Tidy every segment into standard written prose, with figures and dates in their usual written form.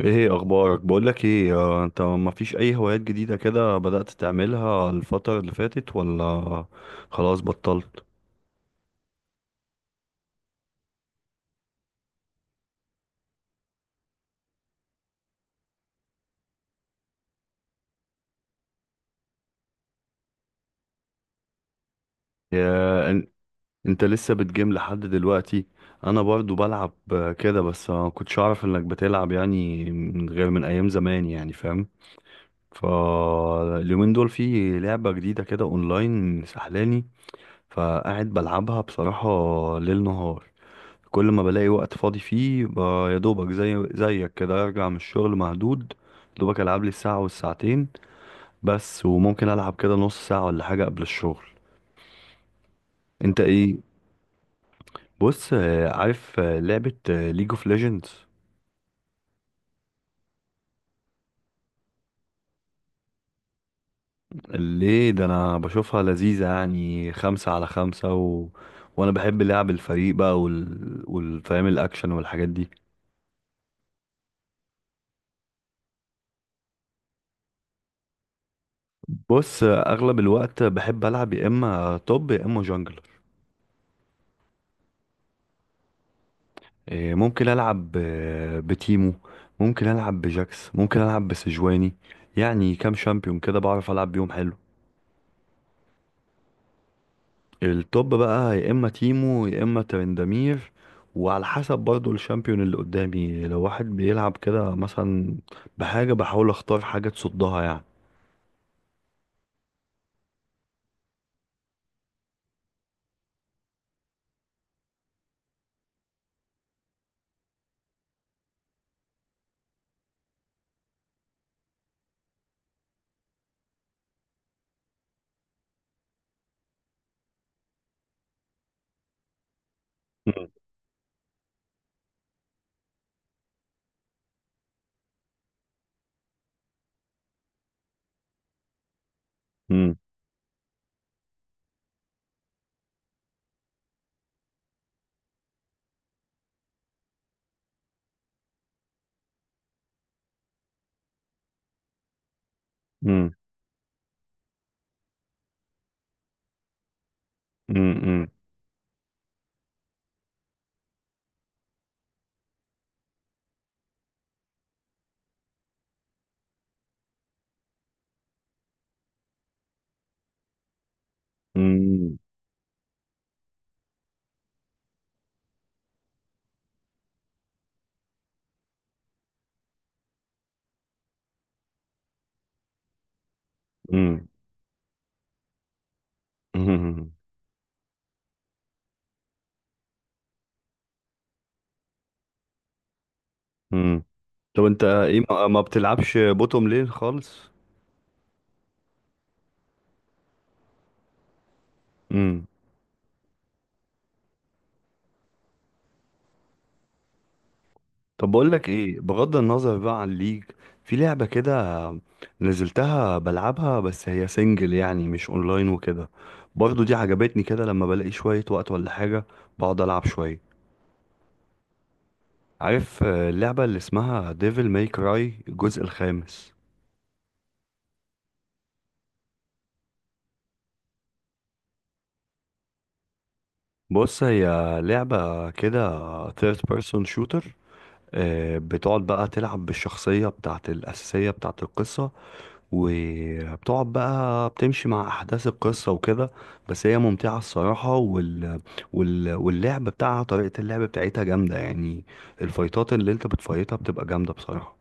ايه اخبارك؟ بقولك ايه، انت ما فيش اي هوايات جديدة كده بدأت تعملها الفترة اللي فاتت ولا خلاص بطلت؟ يا إن- انت لسه بتجيم لحد دلوقتي؟ انا برضو بلعب كده، بس ما كنتش اعرف انك بتلعب يعني من غير، من ايام زمان يعني، فاهم. فاليومين دول في لعبة جديدة كده اونلاين سحلاني، فقاعد بلعبها بصراحة ليل نهار، كل ما بلاقي وقت فاضي فيه يا دوبك زي زيك كده ارجع من الشغل مهدود، يا دوبك العب لي الساعة والساعتين بس، وممكن العب كده نص ساعة ولا حاجة قبل الشغل. انت ايه؟ بص عارف لعبة ليج اوف ليجندز؟ ليه؟ ده انا بشوفها لذيذة يعني، 5 على 5 وانا بحب لعب الفريق بقى والفهم، الاكشن والحاجات دي. بص اغلب الوقت بحب العب يا اما توب يا اما جنجل. إيه، ممكن العب بتيمو، ممكن العب بجاكس، ممكن العب بسجواني، يعني كام شامبيون كده بعرف العب بيهم حلو. التوب بقى يا اما تيمو يا اما ترندمير، وعلى حسب برضو الشامبيون اللي قدامي، لو واحد بيلعب كده مثلا بحاجة، بحاول اختار حاجة تصدها يعني. مم. مم. مم. مم. مم. مم. مم. طب انت ايه، ما بتلعبش بوتوم لين خالص؟ طب بقول لك ايه، بغض النظر بقى عن الليج، في لعبة كده نزلتها بلعبها، بس هي سنجل يعني مش اونلاين وكده، برضو دي عجبتني كده. لما بلاقي شوية وقت ولا حاجة بقعد العب شوية. عارف اللعبة اللي اسمها ديفل ماي كراي الجزء الخامس؟ بص هي لعبة كده ثيرد بيرسون شوتر، بتقعد بقى تلعب بالشخصية بتاعت الأساسية بتاعت القصة، وبتقعد بقى بتمشي مع احداث القصه وكده. بس هي ممتعه الصراحه واللعب بتاعها، طريقه اللعب بتاعتها جامده يعني، الفايتات اللي انت بتفايتها بتبقى جامده بصراحه.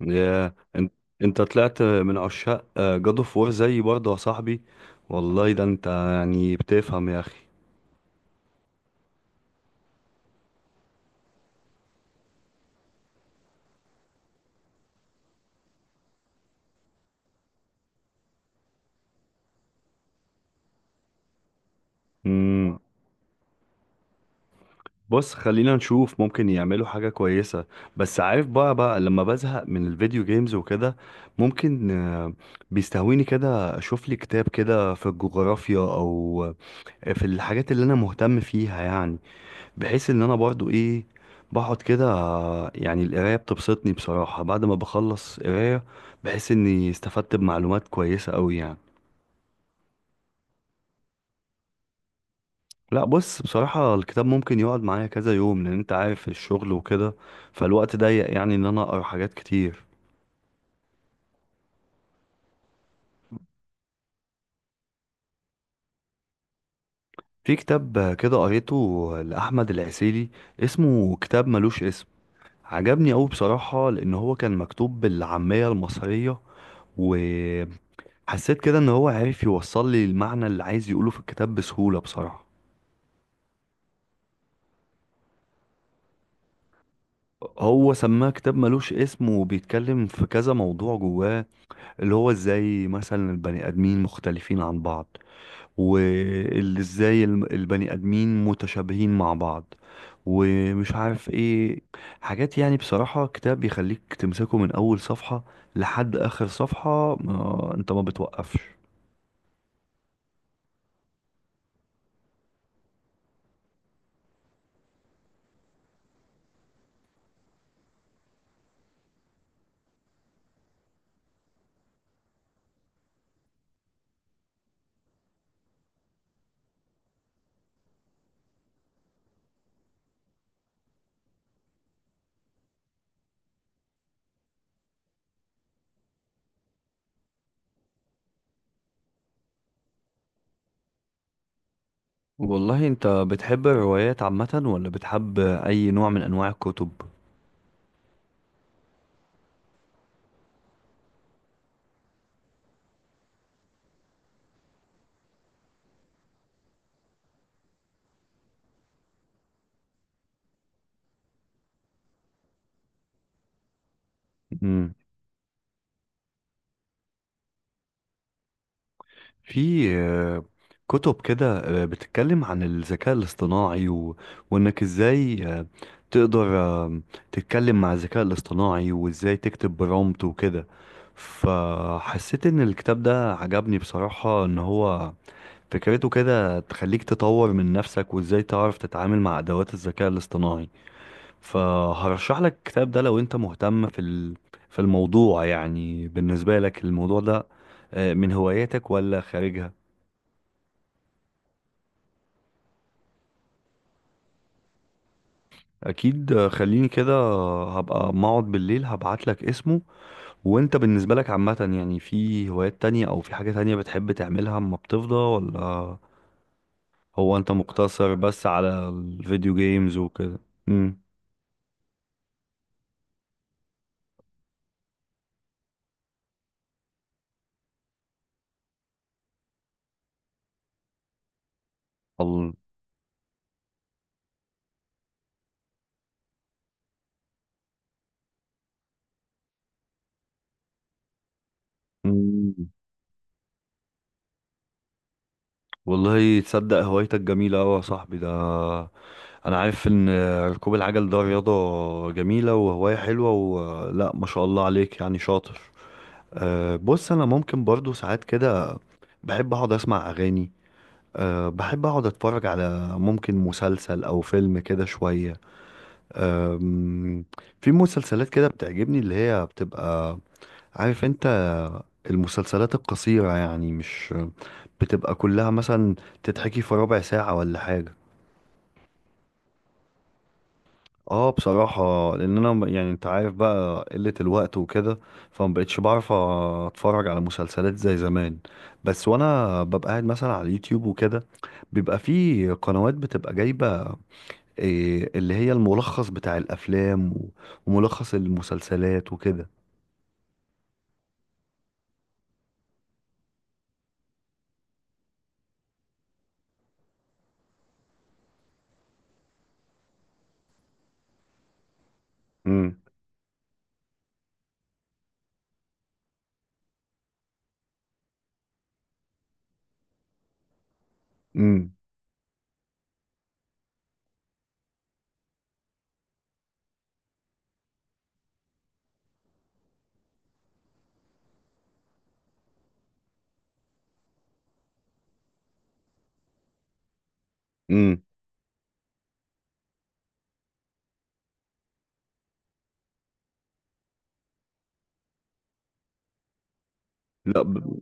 يا انت انت طلعت من عشاق جاد اوف وور زيي برضه يا صاحبي، والله ده انت يعني بتفهم يا اخي. مم. بص خلينا نشوف، ممكن يعملوا حاجة كويسة. بس عارف بقى، لما بزهق من الفيديو جيمز وكده، ممكن بيستهويني كده اشوف لي كتاب كده في الجغرافيا او في الحاجات اللي انا مهتم فيها يعني، بحيث ان انا برضو ايه، بقعد كده يعني القراية بتبسطني بصراحة. بعد ما بخلص قراية بحس اني استفدت بمعلومات كويسة قوي يعني. لا بص، بصراحة الكتاب ممكن يقعد معايا كذا يوم، لأن أنت عارف الشغل وكده، فالوقت ضيق يعني إن أنا أقرأ حاجات كتير. في كتاب كده قريته لأحمد العسيلي، اسمه كتاب ملوش اسم، عجبني أوي بصراحة، لأن هو كان مكتوب بالعامية المصرية، وحسيت كده إن هو عارف يوصل لي المعنى اللي عايز يقوله في الكتاب بسهولة بصراحة. هو سماه كتاب ملوش اسم، وبيتكلم في كذا موضوع جواه، اللي هو ازاي مثلا البني آدمين مختلفين عن بعض، واللي ازاي البني ادمين متشابهين مع بعض، ومش عارف ايه، حاجات يعني. بصراحة كتاب يخليك تمسكه من اول صفحة لحد اخر صفحة، ما انت ما بتوقفش. والله انت بتحب الروايات عامة، ولا بتحب اي نوع من انواع الكتب؟ في كتب كده بتتكلم عن الذكاء الاصطناعي وانك ازاي تقدر تتكلم مع الذكاء الاصطناعي، وازاي تكتب برومبت وكده، فحسيت ان الكتاب ده عجبني بصراحة، ان هو فكرته كده تخليك تطور من نفسك وازاي تعرف تتعامل مع ادوات الذكاء الاصطناعي. فهرشح لك الكتاب ده لو انت مهتم في في الموضوع يعني. بالنسبة لك الموضوع ده من هواياتك ولا خارجها؟ اكيد خليني كده هبقى ما اقعد بالليل هبعت لك اسمه. وانت بالنسبه لك عامه يعني، في هوايات تانية او في حاجه تانية بتحب تعملها اما بتفضى ولا؟ هو انت مقتصر بس على الفيديو جيمز وكده؟ امم. الله. مم. والله تصدق هوايتك جميله قوي يا صاحبي ده، انا عارف ان ركوب العجل ده رياضه جميله وهوايه حلوه، ولا ما شاء الله عليك يعني شاطر. أه بص انا ممكن برضو ساعات كده بحب اقعد اسمع اغاني، أه بحب أقعد أتفرج على ممكن مسلسل أو فيلم كده شوية. أم، في مسلسلات كده بتعجبني، اللي هي بتبقى، عارف أنت، المسلسلات القصيرة يعني، مش بتبقى كلها مثلا، تتحكي في 1/4 ساعة ولا حاجة. اه بصراحة، لأن أنا يعني أنت عارف بقى قلة الوقت وكده، فمبقتش بعرف أتفرج على مسلسلات زي زمان. بس وأنا ببقى قاعد مثلا على اليوتيوب وكده، بيبقى في قنوات بتبقى جايبة إيه، اللي هي الملخص بتاع الافلام وملخص المسلسلات وكده. امم. امم. امم. لا ب...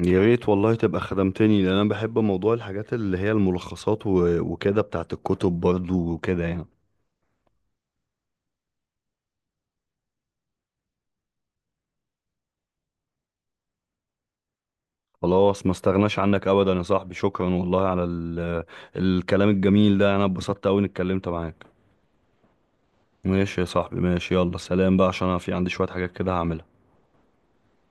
يا ريت والله، تبقى خدمتني، لان انا بحب موضوع الحاجات اللي هي الملخصات وكده بتاعت الكتب برضو وكده يعني. خلاص ما استغناش عنك ابدا يا صاحبي، شكرا والله على الكلام الجميل ده، انا اتبسطت قوي اني اتكلمت معاك. ماشي يا صاحبي ماشي، يلا سلام بقى، عشان انا في عندي شوية حاجات كده هعملها.